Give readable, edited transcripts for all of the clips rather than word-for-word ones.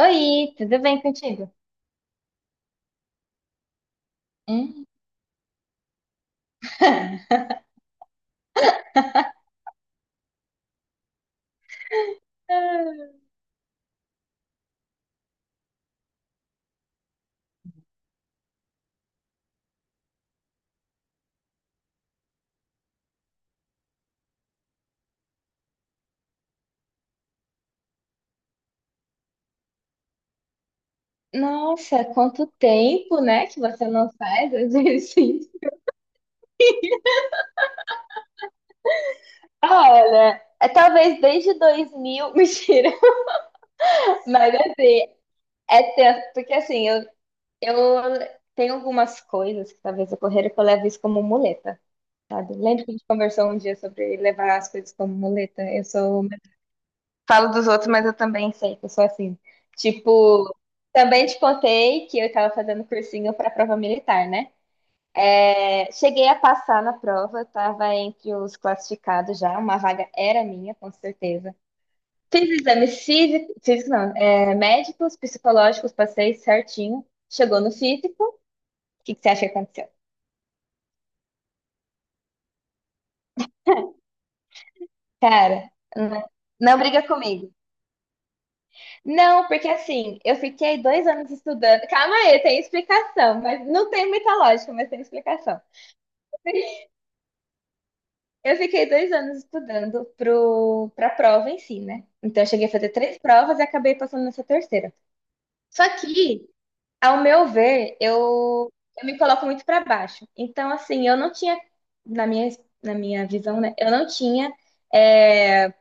Oi, tudo bem contigo? Hum? Nossa, quanto tempo, né, que você não faz exercício. Olha, é talvez desde 2000, mentira, mas assim, é tempo, porque assim, eu tenho algumas coisas que talvez ocorreram que eu levo isso como muleta, sabe? Lembra que a gente conversou um dia sobre levar as coisas como muleta? Eu sou Falo dos outros, mas eu também sei que eu sou assim. Tipo, também te contei que eu tava fazendo cursinho pra prova militar, né? É, cheguei a passar na prova, eu tava entre os classificados já, uma vaga era minha, com certeza. Fiz exames físicos, físico não, médicos, psicológicos, passei certinho. Chegou no físico, o que que você acha que aconteceu? Cara, n- não, briga comigo. Não, porque assim, eu fiquei 2 anos estudando. Calma aí, tem explicação, mas não tem muita lógica, mas tem explicação. Eu fiquei 2 anos estudando pra prova em si, né? Então eu cheguei a fazer três provas e acabei passando nessa terceira. Só que, ao meu ver, eu me coloco muito para baixo. Então, assim, eu não tinha, na minha, na minha visão, né? Eu não tinha. é,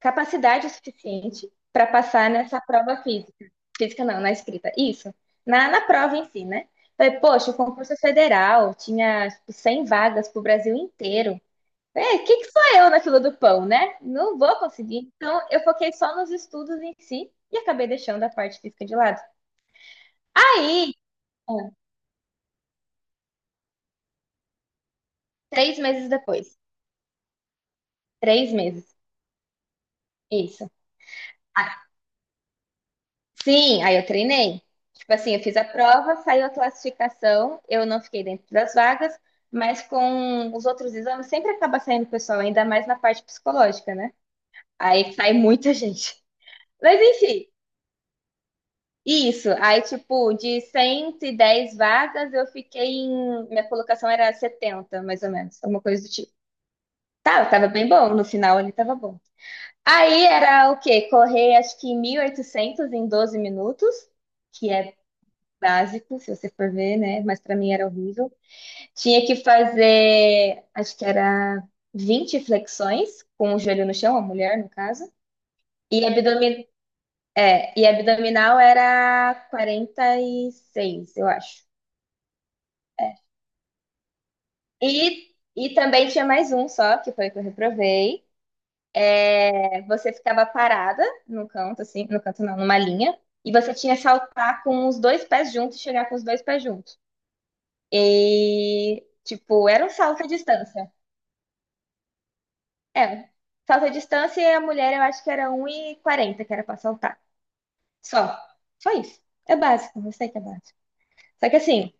capacidade suficiente para passar nessa prova física. Física não, na escrita. Isso. Na prova em si, né? Falei, poxa, o concurso é federal tinha tipo, 100 vagas para o Brasil inteiro. É, que sou eu na fila do pão, né? Não vou conseguir. Então, eu foquei só nos estudos em si e acabei deixando a parte física de lado. Aí, ó, 3 meses depois, 3 meses, isso. Sim, aí eu treinei. Tipo assim, eu fiz a prova, saiu a classificação, eu não fiquei dentro das vagas, mas com os outros exames sempre acaba saindo pessoal, ainda mais na parte psicológica, né? Aí sai muita gente. Mas enfim, isso. Aí, tipo, de 110 vagas, eu fiquei em. Minha colocação era 70 mais ou menos, alguma coisa do tipo. Tá, eu tava bem bom, no final ele tava bom. Aí era o quê? Correr acho que 1.800 em 12 minutos, que é básico, se você for ver, né? Mas para mim era horrível. Tinha que fazer, acho que era 20 flexões com o joelho no chão, a mulher, no caso. E, e abdominal era 46 eu acho. E também tinha mais um só, que foi o que eu reprovei. É, você ficava parada no canto, assim, no canto não, numa linha. E você tinha que saltar com os dois pés juntos e chegar com os dois pés juntos. E, tipo, era um salto à distância. É, salto à distância e a mulher eu acho que era 1,40 que era pra saltar. Só. Só isso. É básico, eu sei que é básico. Só que assim,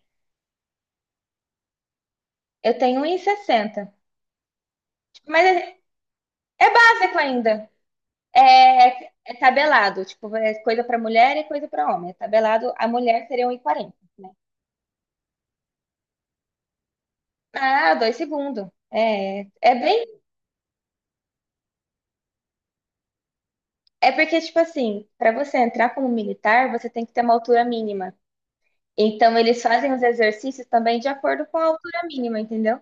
eu tenho um 1,60. Tipo, mas é básico ainda. É tabelado, tipo, é coisa pra mulher e coisa pra homem. É tabelado, a mulher seria 1,40, né? Ah, dois segundos. É bem. É porque, tipo assim, pra você entrar como militar, você tem que ter uma altura mínima. Então, eles fazem os exercícios também de acordo com a altura mínima, entendeu?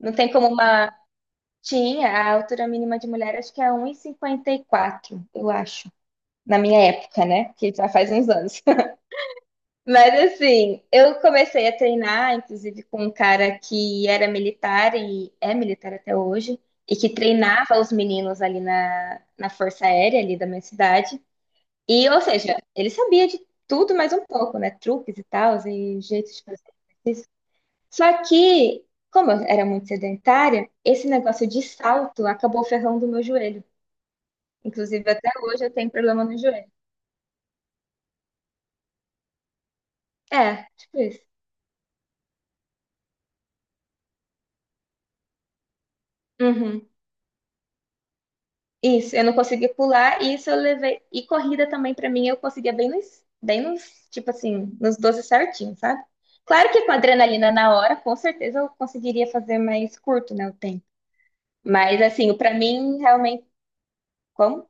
Não tem como uma. Tinha, a altura mínima de mulher acho que é 1,54, eu acho. Na minha época, né? Que já faz uns anos. Mas assim, eu comecei a treinar, inclusive, com um cara que era militar e é militar até hoje, e que treinava os meninos ali na Força Aérea, ali da minha cidade. E, ou seja, ele sabia de tudo mais um pouco, né? Truques e tal, e jeitos de fazer exercício. Só que, como eu era muito sedentária, esse negócio de salto acabou ferrando o meu joelho. Inclusive, até hoje eu tenho problema no joelho. É, tipo isso. Uhum. Isso, eu não consegui pular, e isso eu levei. E corrida também, pra mim, eu conseguia bem nos, tipo assim, nos 12 certinhos, sabe? Claro que com a adrenalina na hora, com certeza eu conseguiria fazer mais curto, né, o tempo. Mas, assim, pra mim, realmente, como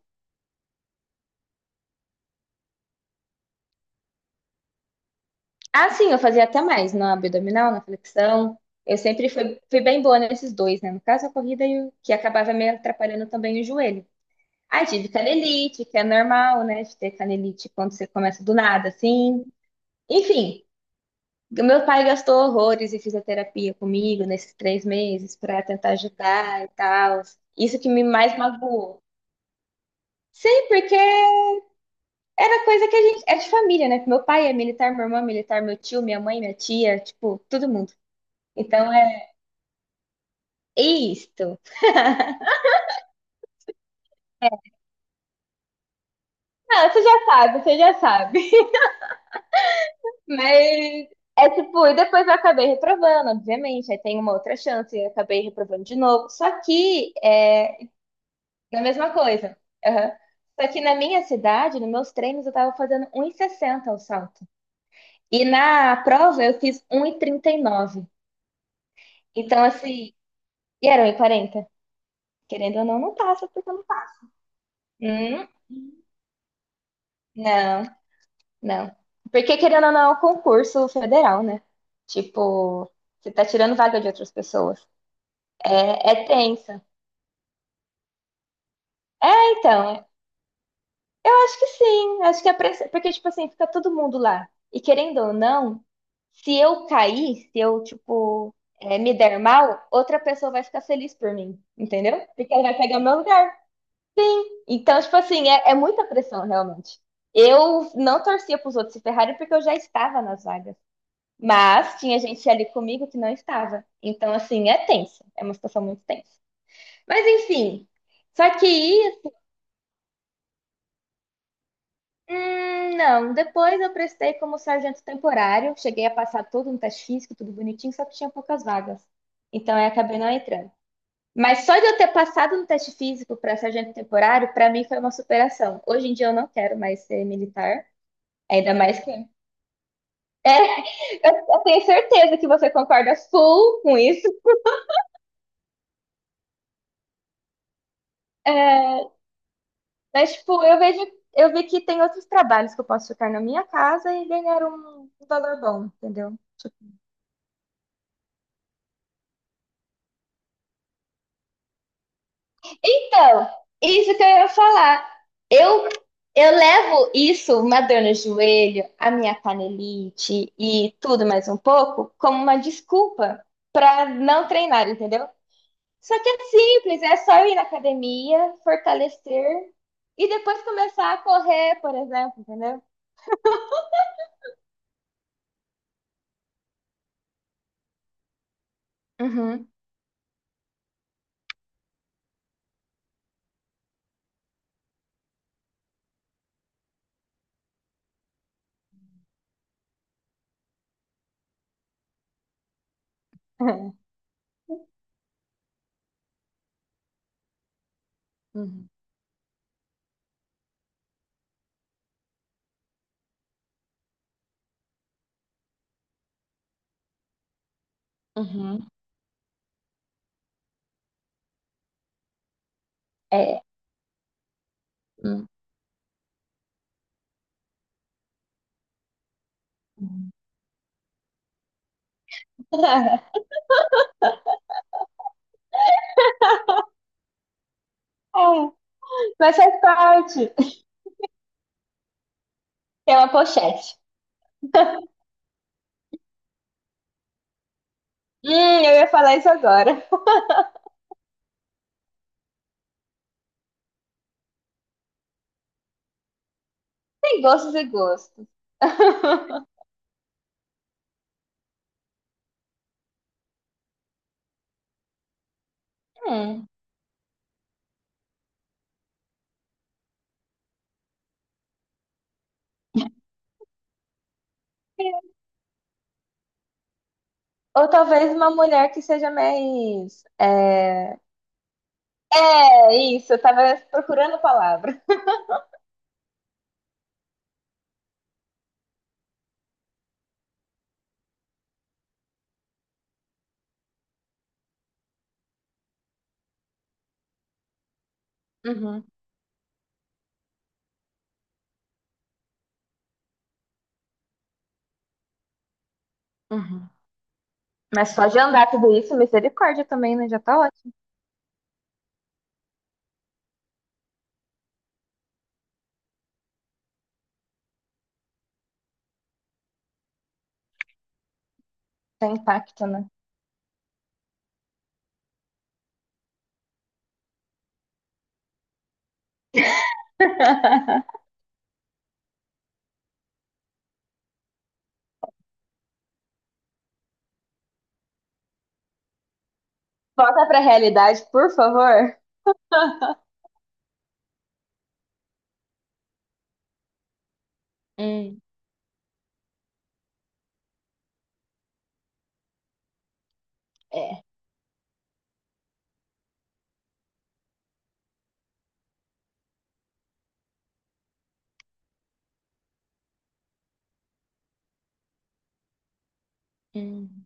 Ah, sim, eu fazia até mais na abdominal, na flexão. Eu sempre fui bem boa nesses dois, né? No caso, a corrida e o que acabava me atrapalhando também o joelho. Aí tive canelite, que é normal, né? De ter canelite quando você começa do nada, assim. Enfim, o meu pai gastou horrores em fisioterapia comigo nesses 3 meses para tentar ajudar e tal. Isso que me mais magoou. Sim, porque era coisa que a gente. É de família, né? Meu pai é militar, minha irmã é militar, meu tio, minha mãe, minha tia, tipo, todo mundo. Então, é isto. Não, você já sabe, você já sabe. Mas é tipo, e depois eu acabei reprovando, obviamente. Aí tem uma outra chance, eu acabei reprovando de novo. Só que é a mesma coisa. Aham. Só que na minha cidade, nos meus treinos, eu tava fazendo 1,60 o salto. E na prova eu fiz um e trinta e nove. Então, assim, e era 1,40. Querendo ou não, não passa, porque eu não passo. Hum, não. Não. Porque, querendo ou não, é um concurso federal, né? Tipo, você tá tirando vaga de outras pessoas. É tensa. Então, eu acho que sim. Acho que a pressão. Porque, tipo assim, fica todo mundo lá. E querendo ou não, se eu cair, se eu, tipo, me der mal, outra pessoa vai ficar feliz por mim. Entendeu? Porque ela vai pegar o meu lugar. Então, tipo assim, é muita pressão, realmente. Eu não torcia pros outros se ferrarem porque eu já estava nas vagas. Mas tinha gente ali comigo que não estava. Então, assim, é tenso. É uma situação muito tensa. Mas, enfim. Só que, não. Depois eu prestei como sargento temporário. Cheguei a passar todo um teste físico, tudo bonitinho, só que tinha poucas vagas. Então, eu acabei não entrando. Mas só de eu ter passado no teste físico para sargento temporário, para mim foi uma superação. Hoje em dia eu não quero mais ser militar. Ainda mais que. É, eu tenho certeza que você concorda full com isso. É, mas, tipo, eu vi que tem outros trabalhos que eu posso ficar na minha casa e ganhar um, um valor bom, entendeu? Então, isso que eu ia falar. Eu, eu levo isso, uma dor no joelho, a minha canelite e tudo mais um pouco, como uma desculpa para não treinar, entendeu? Só que é simples, é só ir na academia, fortalecer e depois começar a correr, por exemplo, entendeu? Uhum. Uhum. Uhum. É. Uhum. É, mas faz parte. É uma pochete. Eu ia falar isso agora. Tem gostos e gostos. Hum. Ou talvez uma mulher que seja mais. É, é isso, eu tava procurando a palavra. Uhum, uhum. Mas só de andar tudo isso, misericórdia também, né? Já tá ótimo. Tem impacto, né? Volta pra realidade, por favor. Hum, é. Hum,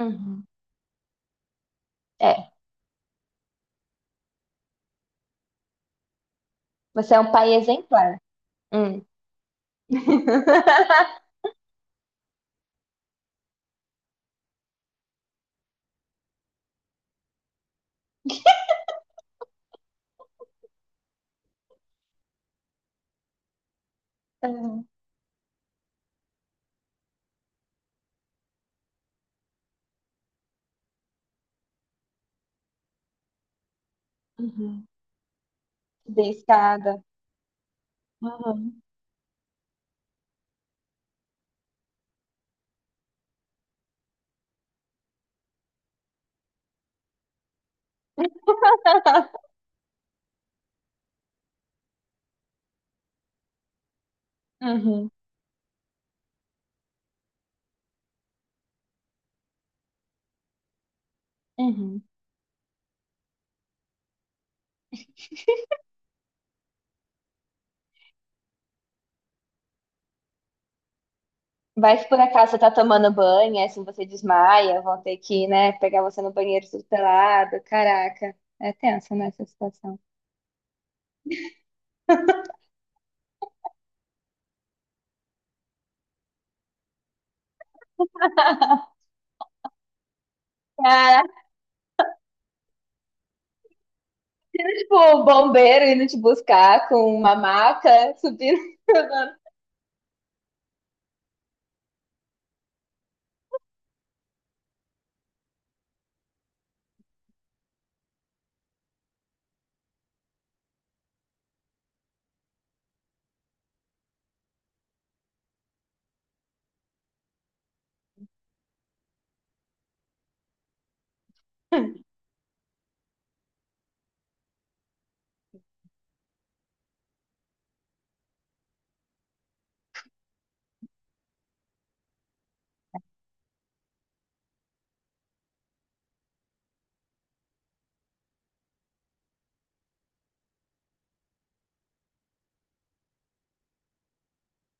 uhum. É, você é um pai exemplar. Hum. Uhum, uhum, beliscada. Uhum, uhum, uhum. Vai que por acaso você tá tomando banho, aí assim você desmaia, vão ter que, né, pegar você no banheiro tudo pelado. Caraca, é tensa nessa situação. Caraca, tipo, o bombeiro indo te buscar com uma maca, subindo.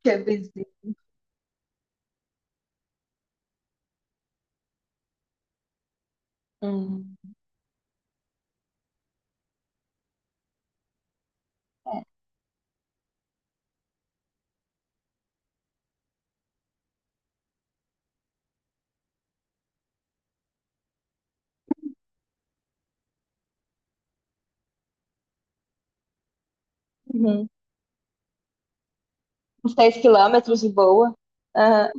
Que bizarro. Uhum. Uhum. Uns 10 quilômetros de boa. Aham.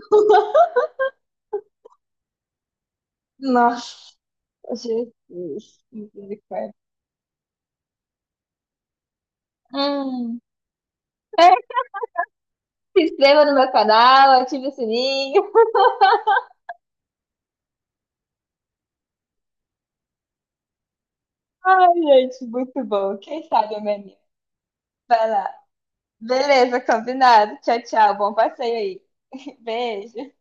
Nossa, Jesus. Misericórdia. Hum. Se inscreva no meu canal, ative o sininho. Ai, gente, muito bom. Quem sabe eu me animo. Vai lá. Beleza, combinado. Tchau, tchau. Bom passeio aí. Beijo.